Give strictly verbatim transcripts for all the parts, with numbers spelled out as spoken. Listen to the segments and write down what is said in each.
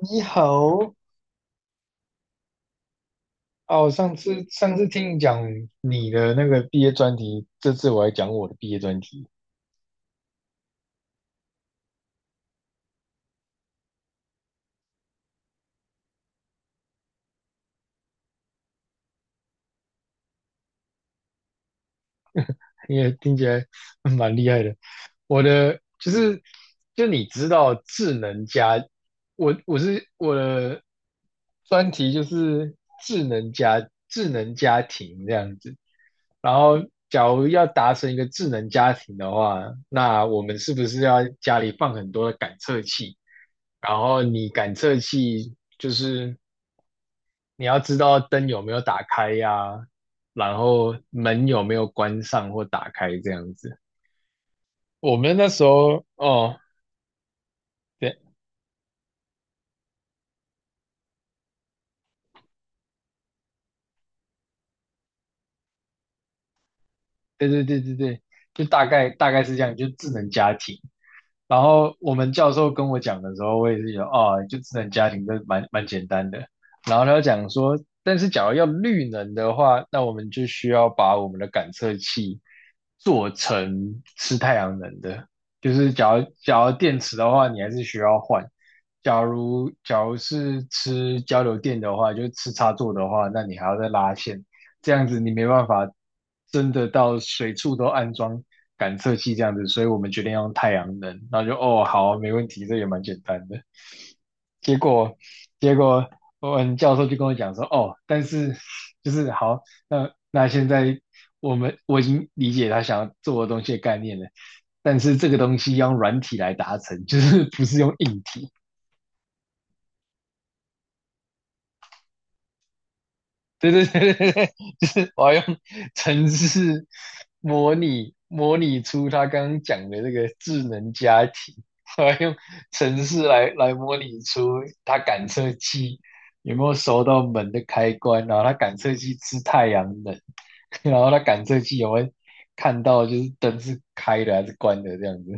你好，哦，上次上次听你讲你的那个毕业专题，这次我来讲我的毕业专题。也听起来 蛮厉害的。我的就是，就你知道智能家，我我是我的专题就是智能家智能家庭这样子。然后，假如要达成一个智能家庭的话，那我们是不是要家里放很多的感测器？然后你感测器就是你要知道灯有没有打开呀、然后门有没有关上或打开这样子。我们那时候哦，对对对对对对，就大概大概是这样，就智能家庭。然后我们教授跟我讲的时候，我也是觉得哦，就智能家庭这蛮蛮简单的。然后他就讲说，但是假如要绿能的话，那我们就需要把我们的感测器做成吃太阳能的，就是假如假如电池的话，你还是需要换。假如假如是吃交流电的话，就是吃插座的话，那你还要再拉线，这样子你没办法真的到随处都安装感测器这样子，所以我们决定用太阳能。然后就哦，好啊没问题，这也蛮简单的。结果，结果我们教授就跟我讲说，哦，但是就是好，那那现在我们我已经理解他想要做的东西的概念了，但是这个东西要用软体来达成，就是不是用硬体。对对对对对，就是我要用程式模拟模拟出他刚刚讲的这个智能家庭，我要用程式来来模拟出他感测器有没有收到门的开关，然后他感测器吃太阳能，然后他感测器有没有看到就是灯是开的还是关的这样子。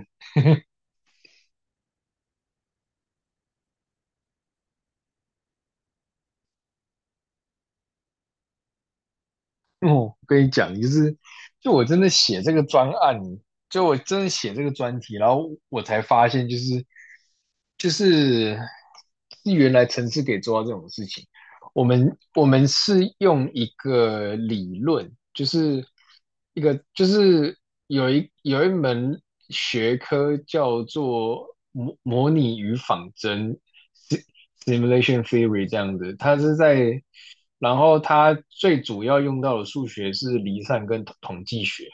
哦，我跟你讲，就是就我真的写这个专案，就我真的写这个专题，然后我才发现，就是就是是原来城市可以做到这种事情。我们我们是用一个理论，就是一个就是有一有一门学科叫做模模拟与仿真 s i m u l a t i o n theory） 这样子，它是在，然后它最主要用到的数学是离散跟统统计学。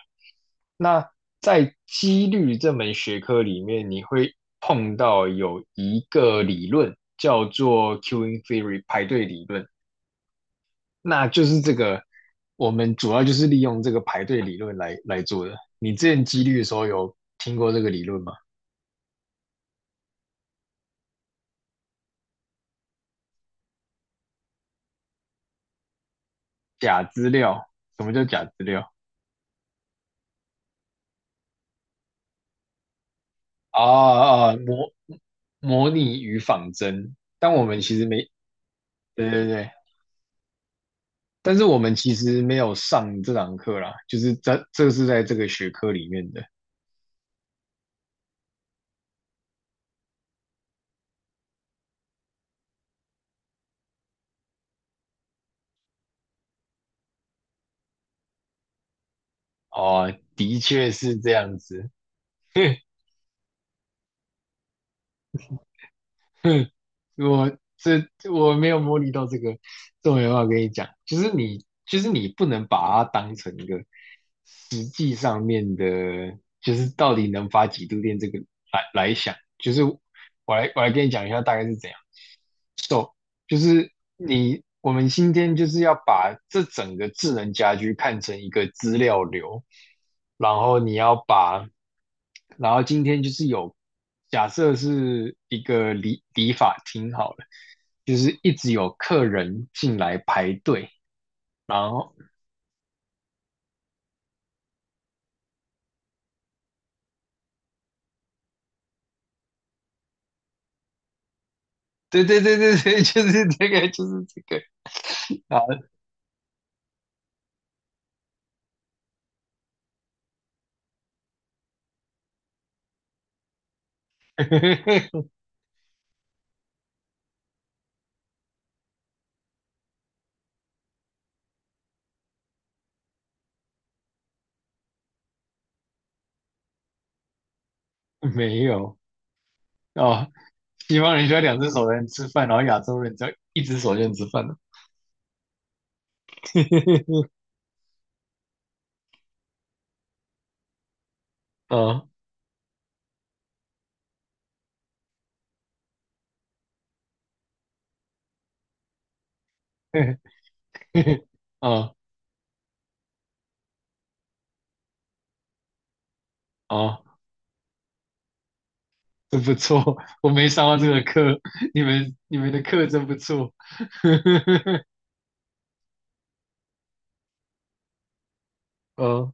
那在几率这门学科里面，你会碰到有一个理论叫做 queuing theory 排队理论。那就是这个，我们主要就是利用这个排队理论来来做的。你之前几率的时候有听过这个理论吗？假资料，什么叫假资料？啊啊，模模拟与仿真。但我们其实没，对对对，但是我们其实没有上这堂课啦，就是这这是在这个学科里面的。哦，的确是这样子。哼，我这我没有模拟到这个，这我没办法跟你讲。就是你，就是你不能把它当成一个实际上面的，就是到底能发几度电这个来来想。就是我来我来跟你讲一下大概是怎样。So，就是你，我们今天就是要把这整个智能家居看成一个资料流，然后你要把，然后今天就是有，假设是一个理理发厅好了，就是一直有客人进来排队，然后对对对对对，就是这个就是这个，好，没有哦，西方人需要两只手才能吃饭，然后亚洲人只要一只手就能吃饭了，嗯。哦哦，真不错，我没上过这个课，你们你们的课真不错。哦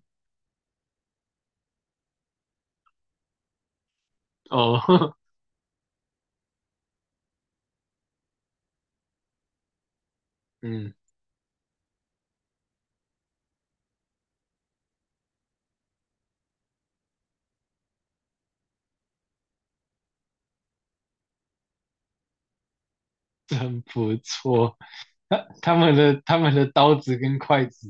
哦，嗯，真不错。他他们的他们的刀子跟筷子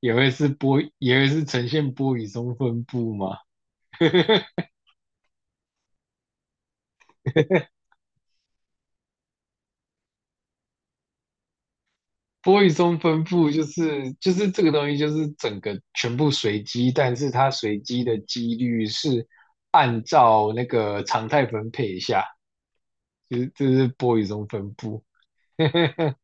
也会是波，也会是呈现波与松分布嘛？波与松分布就是就是这个东西，就是整个全部随机，但是它随机的几率是按照那个常态分配下。就是这是 boy 中分布，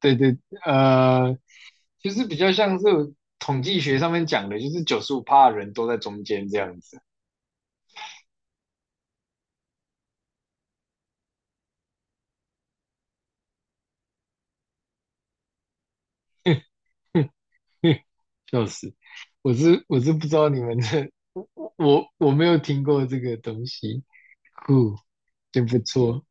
对对，呃，就是比较像是统计学上面讲的，就是九十五趴的人都在中间这样子，笑死！我是我是不知道你们的，我我没有听过这个东西，酷，真不错。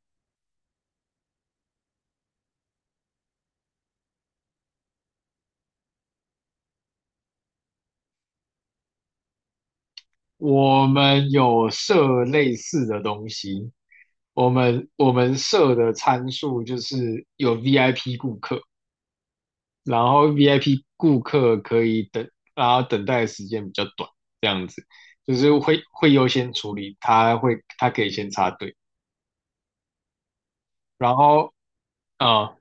我们有设类似的东西，我们我们设的参数就是有 V I P 顾客，然后 V I P 顾客可以等，然后等待的时间比较短，这样子就是会会优先处理，他会他可以先插队，然后啊、嗯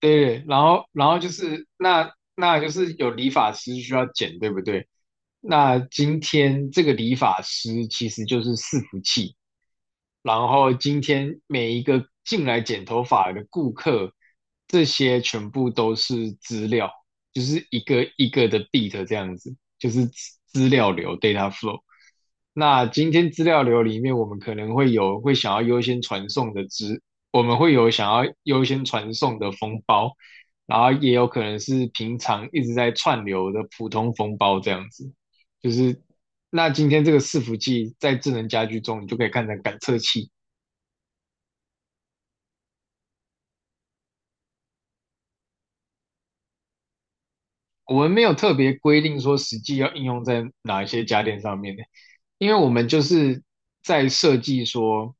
对对，然后然后就是那那就是有理发师需要剪，对不对？那今天这个理发师其实就是伺服器，然后今天每一个进来剪头发的顾客，这些全部都是资料，就是一个一个的 beat 这样子，就是资资料流 data flow。那今天资料流里面，我们可能会有会想要优先传送的资，我们会有想要优先传送的封包，然后也有可能是平常一直在串流的普通封包这样子，就是那今天这个伺服器在智能家居中，你就可以看成感测器。我们没有特别规定说实际要应用在哪一些家电上面的，因为我们就是在设计说，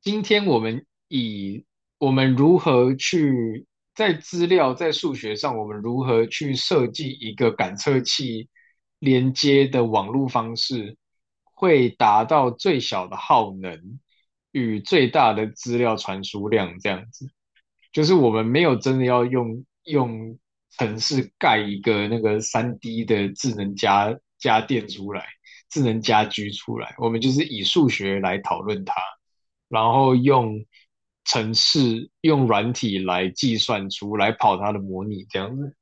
今天我们以我们如何去在资料在数学上，我们如何去设计一个感测器连接的网络方式，会达到最小的耗能与最大的资料传输量这样子。就是我们没有真的要用用城市盖一个那个三 d 的智能家家电出来，智能家居出来，我们就是以数学来讨论它，然后用城市用软体来计算出来跑它的模拟这样子。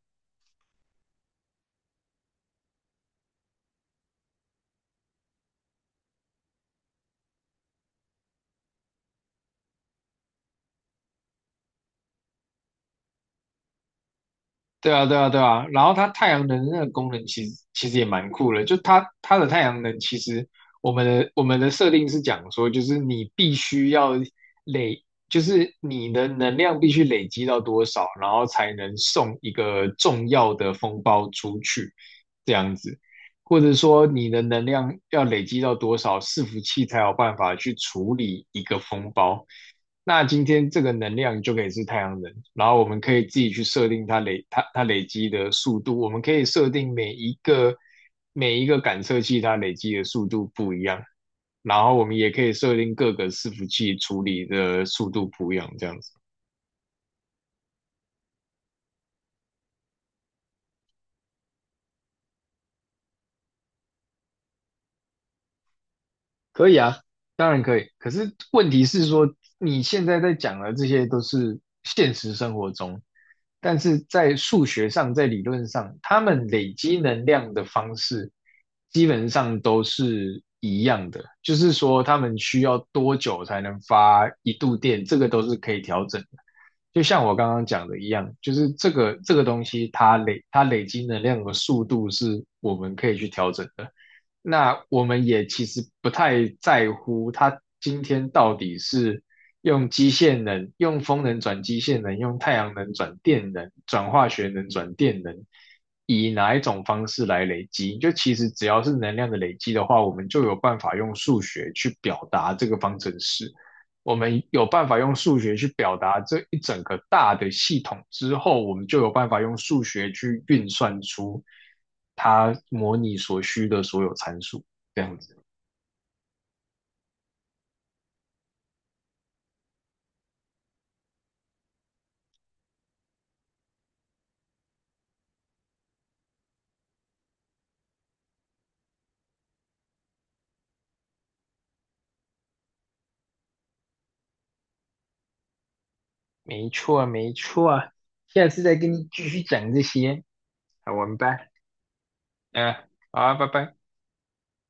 对啊，对啊，对啊。然后它太阳能那个功能其实其实也蛮酷的，就它它的太阳能其实我们的我们的设定是讲说，就是你必须要累，就是你的能量必须累积到多少，然后才能送一个重要的风包出去，这样子。或者说你的能量要累积到多少，伺服器才有办法去处理一个风包。那今天这个能量就可以是太阳能，然后我们可以自己去设定它累它它累积的速度，我们可以设定每一个每一个感测器它累积的速度不一样，然后我们也可以设定各个伺服器处理的速度不一样，这样子。可以啊，当然可以。可是问题是说，你现在在讲的这些都是现实生活中，但是在数学上，在理论上，他们累积能量的方式基本上都是一样的，就是说他们需要多久才能发一度电，这个都是可以调整的。就像我刚刚讲的一样，就是这个这个东西，它累它累积能量的速度是我们可以去调整的。那我们也其实不太在乎它今天到底是用机械能、用风能转机械能、用太阳能转电能、转化学能转电能，以哪一种方式来累积。就其实只要是能量的累积的话，我们就有办法用数学去表达这个方程式。我们有办法用数学去表达这一整个大的系统之后，我们就有办法用数学去运算出它模拟所需的所有参数，这样子。没错，没错，下次再跟你继续讲这些。好，我们拜。嗯，好啊，拜拜。